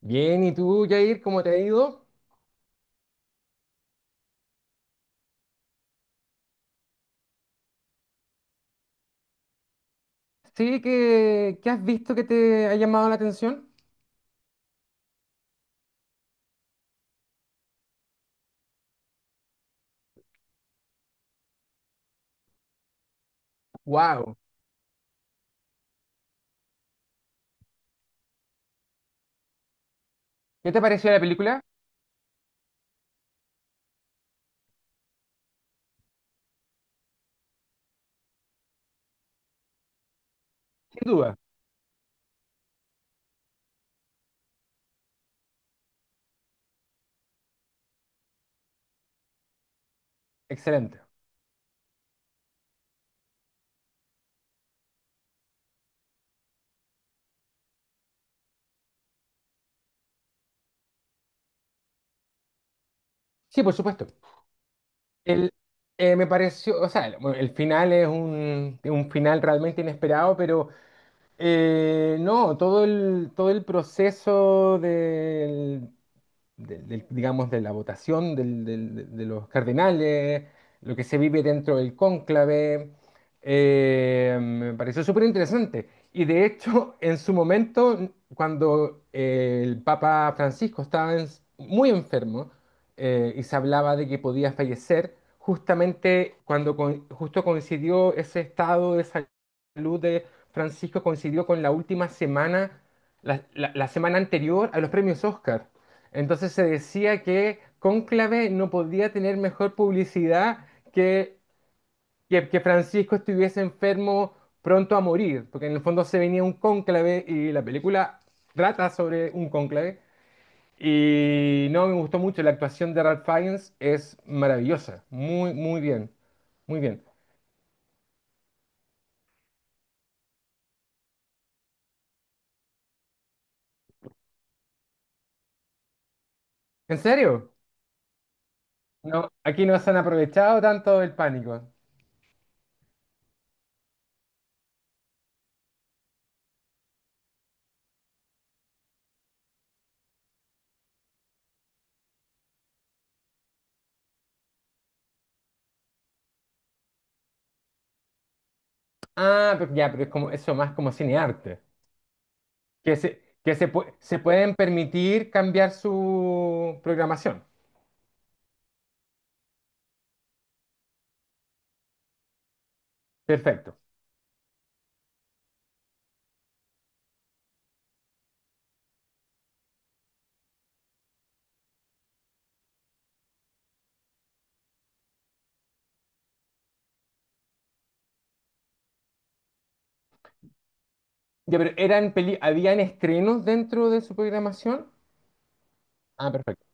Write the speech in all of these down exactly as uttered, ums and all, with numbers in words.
Bien, ¿y tú, Jair, cómo te ha ido? Sí, ¿qué, qué has visto que te ha llamado la atención? ¡Wow! ¿Qué te pareció la película? Sin duda, excelente. Sí, por supuesto. El, eh, Me pareció, o sea, el, bueno, el final es un, un final realmente inesperado, pero eh, no, todo el, todo el proceso del del- del- digamos, de la votación del- del- de de los cardenales, lo que se vive dentro del cónclave. Eh, me pareció súper interesante. Y de hecho, en su momento, cuando eh, el Papa Francisco estaba en- muy enfermo, eh, y se hablaba de que podía fallecer, justamente cuando con- justo coincidió ese estado de salud de Francisco, coincidió con la última semana, la la- la semana anterior a los premios Oscar. Entonces se decía que Cónclave no podía tener mejor publicidad que, que, que Francisco estuviese enfermo pronto a morir, porque en el fondo se venía un cónclave y la película trata sobre un cónclave. Y no, me gustó mucho, la actuación de Ralph Fiennes es maravillosa, muy, muy bien, muy bien. ¿En serio? No, aquí no se han aprovechado tanto del pánico. Ah, pero ya, pero es como eso más como cinearte. que se, que se, pue- se pueden permitir cambiar su programación. Perfecto. Ya, pero eran peli- ¿habían estrenos dentro de su programación? Ah, perfecto.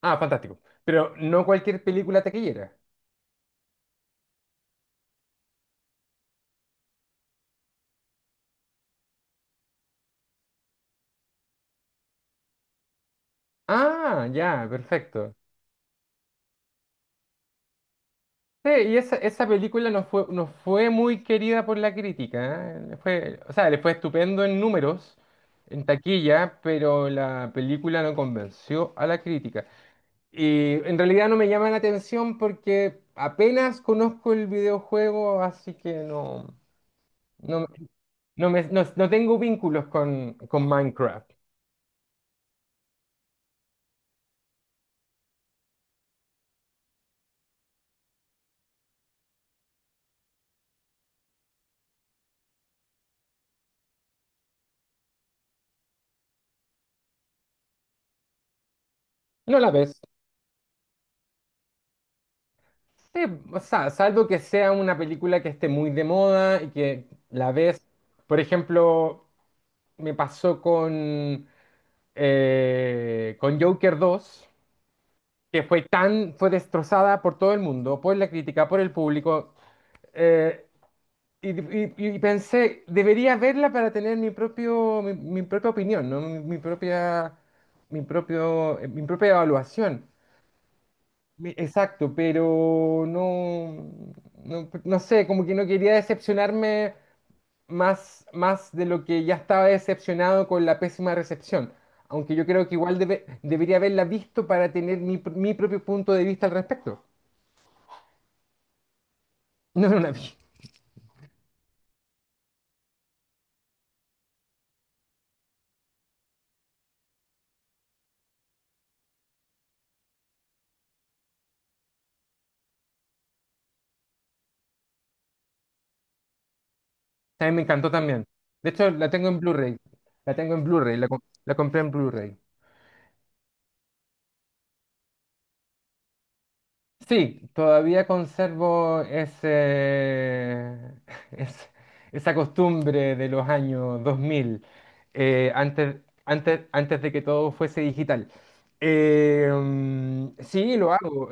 Ah, fantástico. Pero no cualquier película taquillera. Ah, ya, perfecto. Sí, y esa, esa película no fue, no fue muy querida por la crítica, ¿eh? Le Fue, o sea, le fue estupendo en números, en taquilla, pero la película no convenció a la crítica. Y en realidad no me llama la atención porque apenas conozco el videojuego, así que no, no, no, me- no- no tengo vínculos con, con Minecraft. ¿No la ves? Sí, o sea, salvo que sea una película que esté muy de moda y que la ves. Por ejemplo, me pasó con, eh, con Joker dos, que fue tan, fue destrozada por todo el mundo, por la crítica, por el público. eh, y, y- y pensé, debería verla para tener mi propio, mi, mi propia opinión, ¿no? Mi, mi propia, mi propio, eh, mi propia evaluación. Mi- Exacto, pero no, no, no sé, como que no quería decepcionarme más, más de lo que ya estaba decepcionado con la pésima recepción. Aunque yo creo que igual debe- debería haberla visto para tener mi, pr- mi propio punto de vista al respecto. No, no la vi. También me encantó también. De hecho, la tengo en Blu-ray. La tengo en Blu-ray, la, com- la compré en Blu-ray. Sí, todavía conservo ese, es- esa costumbre de los años dos mil, eh, antes, antes, antes de que todo fuese digital. Eh, mm, sí, lo hago.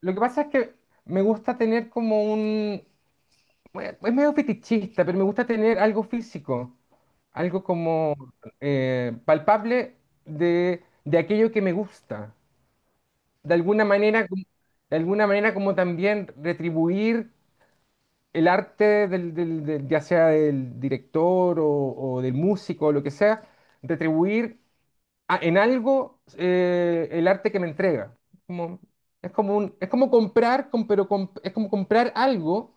Lo que pasa es que me gusta tener como un— Bueno, es medio fetichista, pero me gusta tener algo físico, algo como eh, palpable de de aquello que me gusta de alguna manera, como- de alguna manera, como también retribuir el arte del, del- del- ya sea del director o, o del músico o lo que sea, retribuir a- en algo eh, el arte que me entrega. Como, es como un- es como comprar, com- pero com es como comprar algo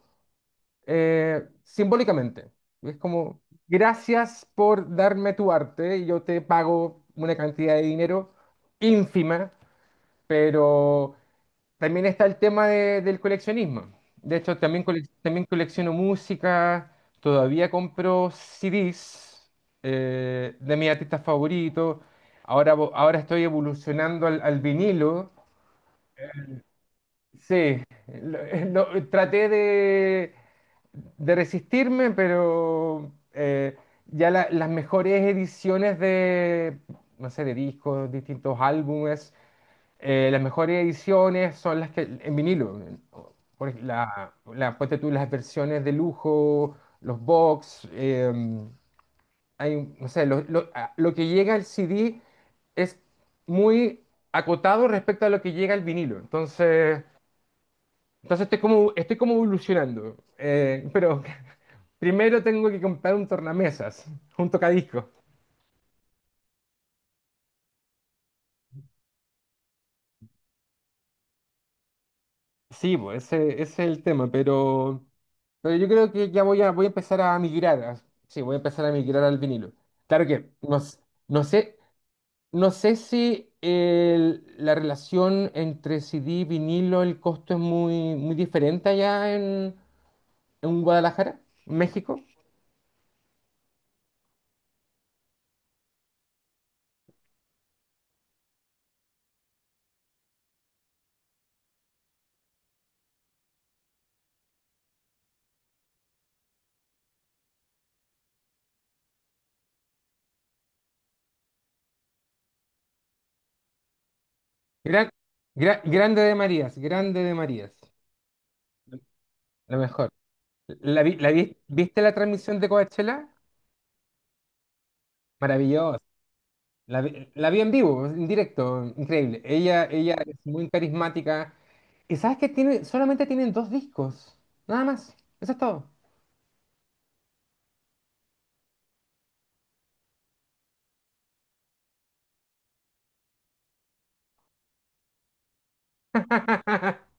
eh, simbólicamente. Es como, gracias por darme tu arte, yo te pago una cantidad de dinero ínfima, pero también está el tema de- del coleccionismo. De hecho, también, colec- también colecciono música, todavía compro C Ds eh, de mis artistas favoritos. Ahora, vo- ahora estoy evolucionando al, al vinilo. Sí, lo- eh, lo- traté de, de resistirme, pero eh, ya la- las mejores ediciones de, no sé, de discos, distintos álbumes, eh, las mejores ediciones son las que en vinilo. Por ej- la, la- ponte tú las versiones de lujo, los box, em, hay, un- no sé, lo, lo- a- lo que llega al C D es muy acotado respecto a lo que llega al vinilo. Entonces, entonces estoy como, estoy como evolucionando. Eh, pero primero tengo que comprar un tornamesas, un tocadiscos. Sí, pues ese, ese es el tema, pero... Pero yo creo que ya voy a, voy a empezar a migrar. A- sí, voy a empezar a migrar al vinilo. Claro que no, s- no sé, no sé si el- la relación entre C D y vinilo, el costo es muy, muy diferente allá en, en Guadalajara, en México. Gran- gra- grande de Marías, grande de Marías. Lo mejor. ¿La, vi- la vi- viste la transmisión de Coachella? Maravilloso. La, vi la vi en vivo, en directo, increíble. Ella, ella es muy carismática. ¿Y sabes qué tiene? Solamente tienen dos discos. Nada más. Eso es todo.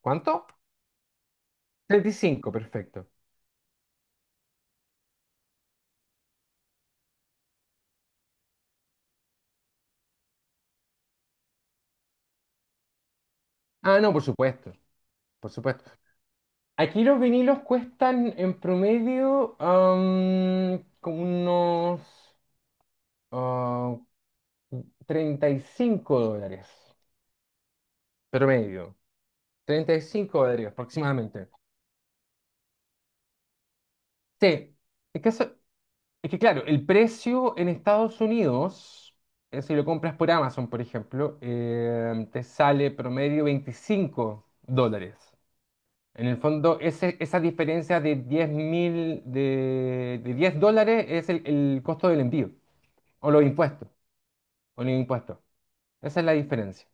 ¿Cuánto? Treinta y cinco, perfecto. Ah, no, por supuesto. Por supuesto. Aquí los vinilos cuestan en promedio am, como unos ah, treinta y cinco dólares. Promedio. Treinta y cinco dólares aproximadamente. Sí, es que, eso- es que claro, el precio en Estados Unidos, eh, si lo compras por Amazon, por ejemplo, eh, te sale promedio veinticinco dólares. En el fondo, ese, esa diferencia de diez mil, de, de diez dólares es el, el costo del envío, o los impuestos, o los impuestos. Esa es la diferencia.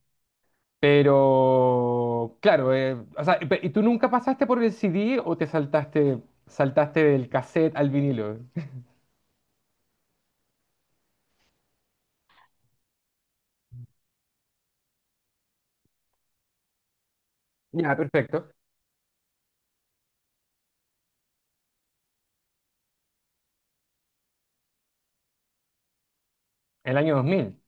Pero, claro, eh, o sea, pe- ¿y tú nunca pasaste por el C D o te saltaste, saltaste del cassette al vinilo? Ya, perfecto. El año dos mil.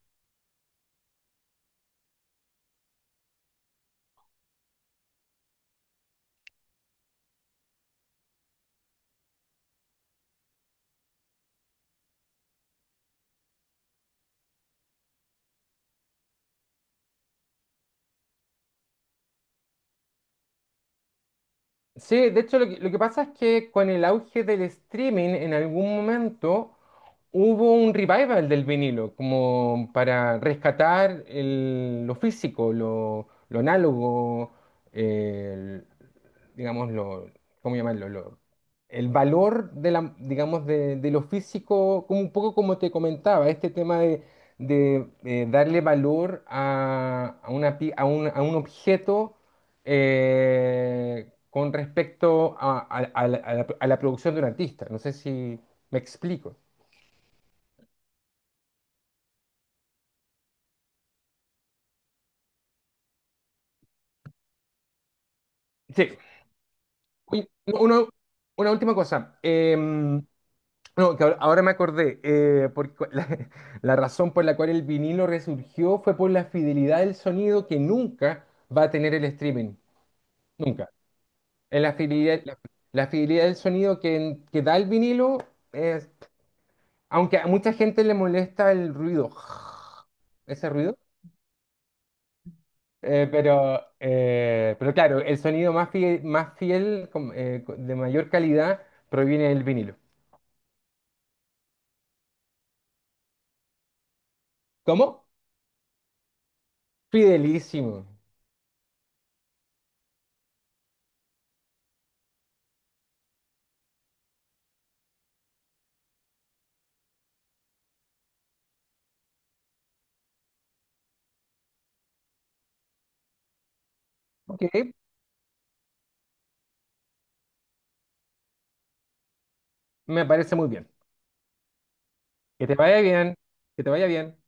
Sí, de hecho lo que, lo que pasa es que con el auge del streaming en algún momento hubo un revival del vinilo, como para rescatar el- lo físico, lo, lo análogo, el- digamos, lo, ¿cómo llamarlo? Lo- el valor de la, digamos, de, de lo físico, como un poco como te comentaba, este tema de, de, eh, darle valor a, a una, pi- a un, a un objeto eh, con respecto a, a- a la, a la- a la producción de un artista. No sé si me explico. Sí. Oye, uno- una última cosa. Eh, no, que ahora ahora me acordé, eh, porque la, la razón por la cual el vinilo resurgió fue por la fidelidad del sonido que nunca va a tener el streaming. Nunca. Es la fidelidad, la, la fidelidad del sonido que, que da el vinilo, es, aunque a mucha gente le molesta el ruido, ese ruido. Eh, pero, eh, pero claro, el sonido más fiel, más fiel com- eh, co- de mayor calidad proviene del vinilo. ¿Cómo? Fidelísimo. Ok, me parece muy bien. Que te vaya bien, que te vaya bien.